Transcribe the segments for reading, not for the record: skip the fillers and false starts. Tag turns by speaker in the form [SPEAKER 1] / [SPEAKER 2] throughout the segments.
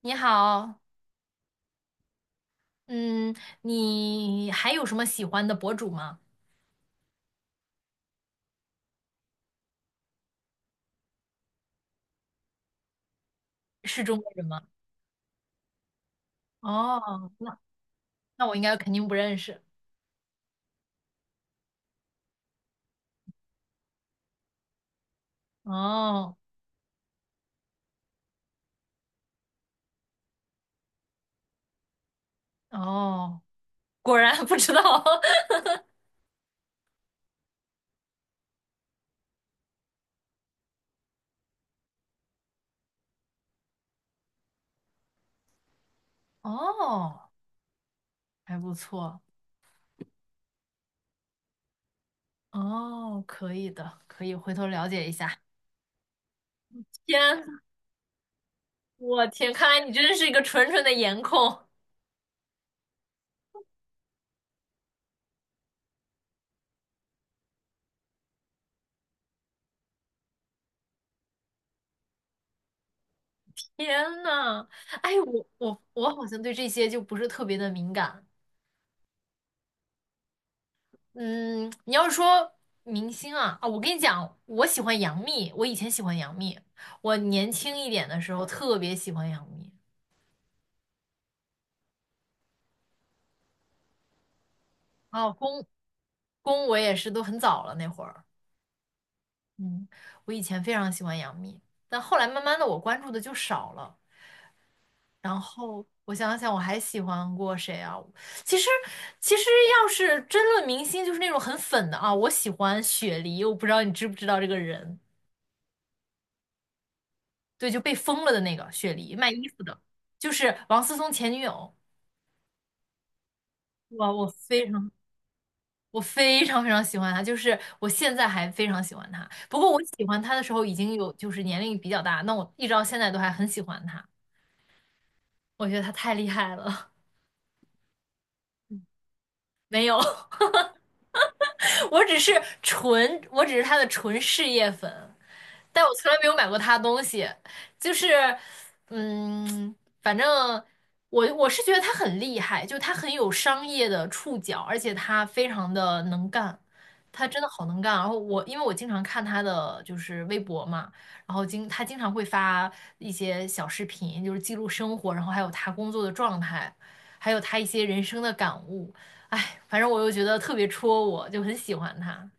[SPEAKER 1] 你好，嗯，你还有什么喜欢的博主吗？是中国人吗？哦，那我应该肯定不认识。哦哦，果然 不知道。哦，还不错。哦，可以的，可以回头了解一下。天，我天，看来你真的是一个纯纯的颜控。天呐，哎，我好像对这些就不是特别的敏感。嗯，你要是说明星啊，啊，我跟你讲，我喜欢杨幂，我以前喜欢杨幂，我年轻一点的时候特别喜欢杨幂。啊，宫我也是都很早了那会儿，嗯，我以前非常喜欢杨幂，但后来慢慢的我关注的就少了。然后我想想，我还喜欢过谁啊？其实其实要是争论明星，就是那种很粉的啊，我喜欢雪梨，我不知道你知不知道这个人。对，就被封了的那个雪梨卖衣服的，就是王思聪前女友。哇，我非常非常喜欢她，就是我现在还非常喜欢她。不过我喜欢她的时候已经有就是年龄比较大，那我一直到现在都还很喜欢她，我觉得她太厉害了。没有，我只是我只是他的纯事业粉，但我从来没有买过他的东西。就是，嗯，反正我是觉得他很厉害，就他很有商业的触角，而且他非常的能干，他真的好能干。然后我因为我经常看他的就是微博嘛，然后他经常会发一些小视频，就是记录生活，然后还有他工作的状态，还有他一些人生的感悟。哎，反正我又觉得特别戳我，就很喜欢她。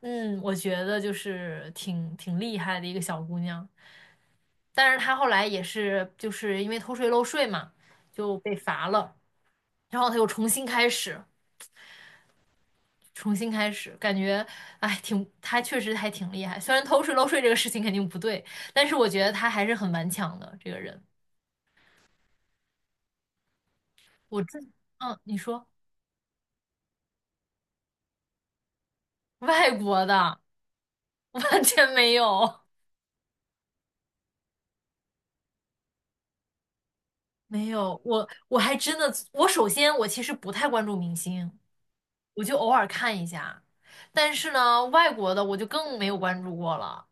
[SPEAKER 1] 嗯，我觉得就是挺厉害的一个小姑娘，但是她后来也是就是因为偷税漏税嘛，就被罚了，然后她又重新开始，重新开始，感觉哎她确实还挺厉害。虽然偷税漏税这个事情肯定不对，但是我觉得她还是很顽强的这个人。我自，你说外国的 完全没有。没有，我还真的，我首先我其实不太关注明星，我就偶尔看一下，但是呢，外国的我就更没有关注过了。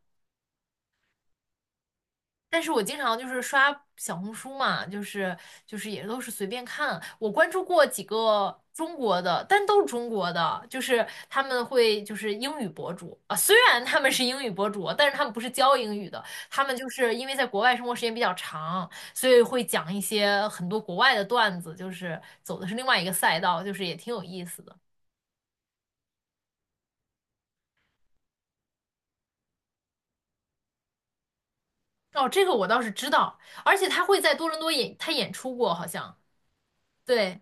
[SPEAKER 1] 但是我经常就是刷小红书嘛，就是也都是随便看。我关注过几个中国的，但都是中国的，就是他们会就是英语博主啊，虽然他们是英语博主，但是他们不是教英语的，他们就是因为在国外生活时间比较长，所以会讲一些很多国外的段子，就是走的是另外一个赛道，就是也挺有意思的。哦，这个我倒是知道，而且他会在多伦多演，他演出过好像，对。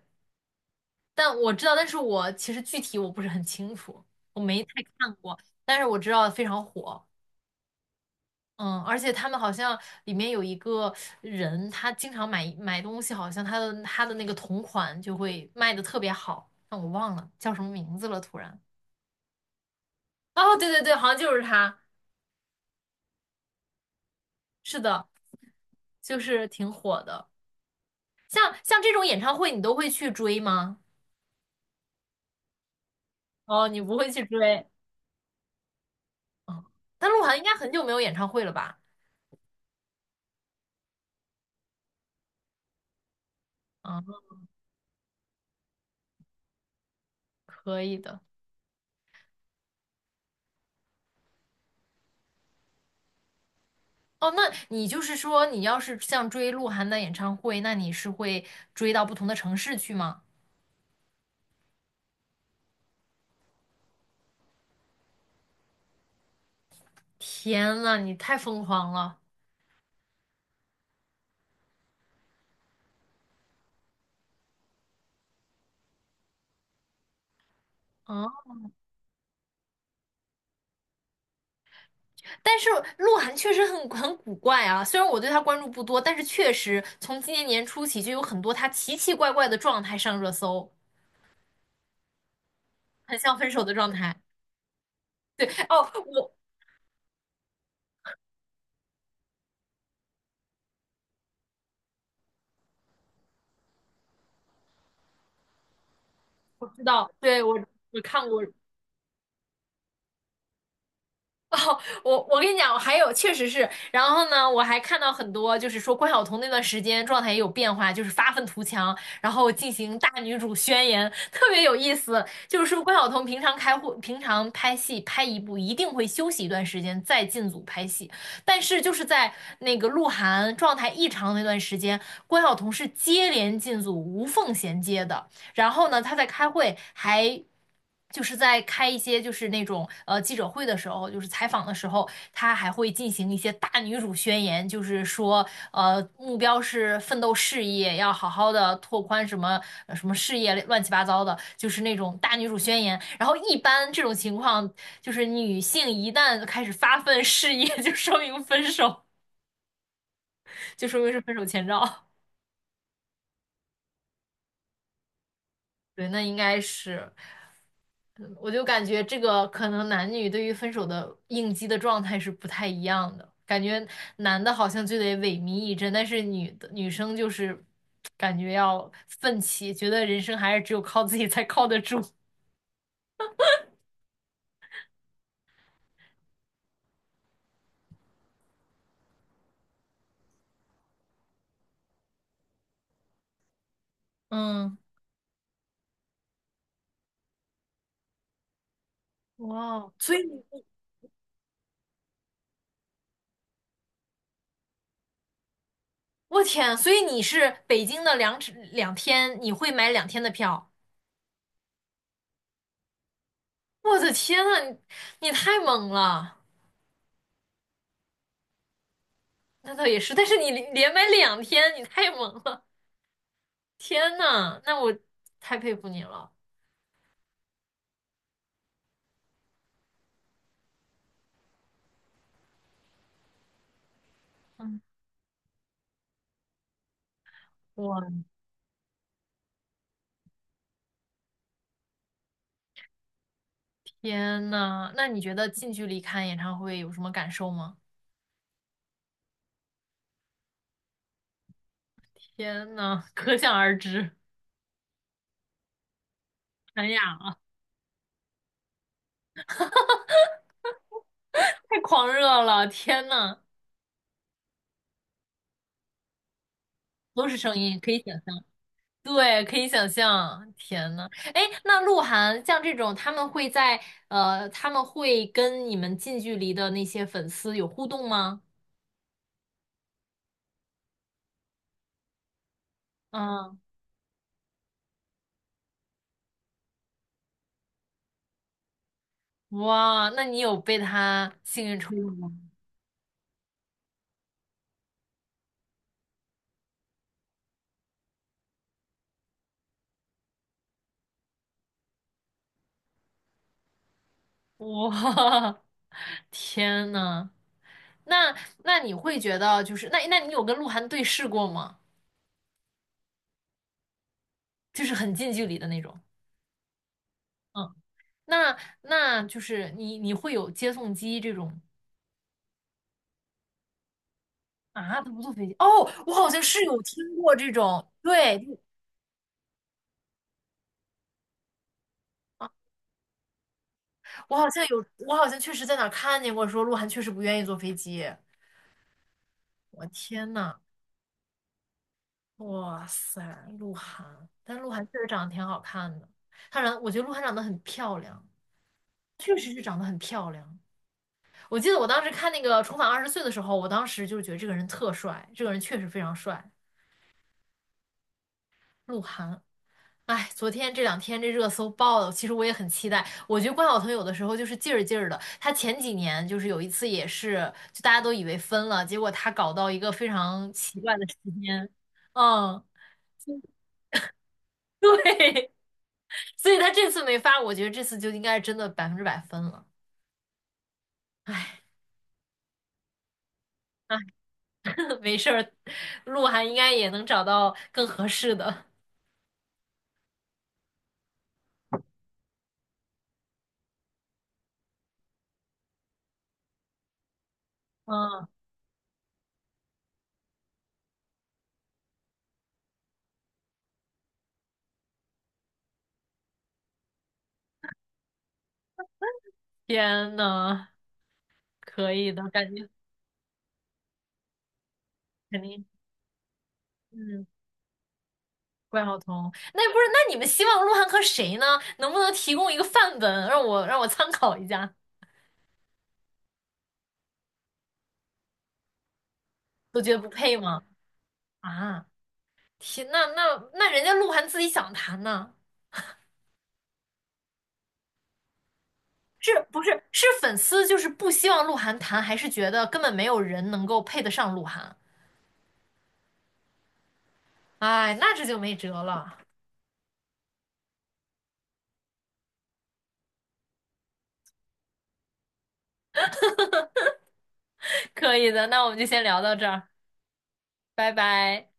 [SPEAKER 1] 但我知道，但是我其实具体我不是很清楚，我没太看过，但是我知道非常火，嗯，而且他们好像里面有一个人，他经常买买东西，好像他的那个同款就会卖的特别好，但我忘了叫什么名字了，突然。哦，对对对，好像就是他，是的，就是挺火的。像这种演唱会，你都会去追吗？哦，你不会去追，嗯，但鹿晗应该很久没有演唱会了吧？嗯，可以的。哦，那你就是说，你要是像追鹿晗的演唱会，那你是会追到不同的城市去吗？天呐，你太疯狂了！啊！但是鹿晗确实很古怪啊，虽然我对他关注不多，但是确实从今年年初起就有很多他奇奇怪怪的状态上热搜，很像分手的状态。哦，我知道，对，我看过，哦，我跟你讲，我还有确实是，然后呢，我还看到很多，就是说关晓彤那段时间状态也有变化，就是发愤图强，然后进行大女主宣言，特别有意思。就是说关晓彤平常开会，平常拍戏拍一部一定会休息一段时间再进组拍戏，但是就是在那个鹿晗状态异常那段时间，关晓彤是接连进组无缝衔接的。然后呢，他在开会还。就是在开一些就是那种记者会的时候，就是采访的时候，他还会进行一些大女主宣言，就是说目标是奋斗事业，要好好的拓宽什么什么事业乱七八糟的，就是那种大女主宣言。然后一般这种情况，就是女性一旦开始发奋事业，就说明分手，就说明是分手前兆。对，那应该是。嗯我就感觉这个可能男女对于分手的应激的状态是不太一样的，感觉男的好像就得萎靡一阵，但是女生就是感觉要奋起，觉得人生还是只有靠自己才靠得住。嗯，哇，所以你我天，所以你是北京的两天，你会买两天的票？我的天呐，你太猛了！那倒也是，但是你连买两天，你太猛了！天呐，那我太佩服你了。嗯，我天呐，那你觉得近距离看演唱会有什么感受吗？天呐，可想而知，哎哑了，太狂热了，天呐，都是声音，可以想象，对，可以想象，天呐，哎，那鹿晗像这种，他们会他们会跟你们近距离的那些粉丝有互动吗？嗯，哇，那你有被他幸运抽中吗？哇，天呐！那你会觉得就是那你有跟鹿晗对视过吗？就是很近距离的那种。嗯，那就是你会有接送机这种啊？他不坐飞机哦，我好像是有听过这种，对，啊，我好像确实在哪儿看见过，说鹿晗确实不愿意坐飞机。我天呐，哇塞，鹿晗，但鹿晗确实长得挺好看的，我觉得鹿晗长得很漂亮，确实是长得很漂亮。我记得我当时看那个《重返二十岁》的时候，我当时就是觉得这个人特帅，这个人确实非常帅，鹿晗。哎，昨天这两天这热搜爆了，其实我也很期待。我觉得关晓彤有的时候就是劲儿劲儿的，她前几年就是有一次也是，就大家都以为分了，结果她搞到一个非常奇怪的时间，嗯，对，所以她这次没发，我觉得这次就应该是真的100%分了。哎，啊，没事儿，鹿晗应该也能找到更合适的。嗯，天呐！可以的，感觉肯定，嗯，怪好同。那不是，那你们希望鹿晗和谁呢？能不能提供一个范本，让我参考一下？都觉得不配吗？啊，天，那人家鹿晗自己想谈呢，是不是？是粉丝就是不希望鹿晗谈，还是觉得根本没有人能够配得上鹿晗？哎，那这就没辙了。可以的，那我们就先聊到这儿，拜拜。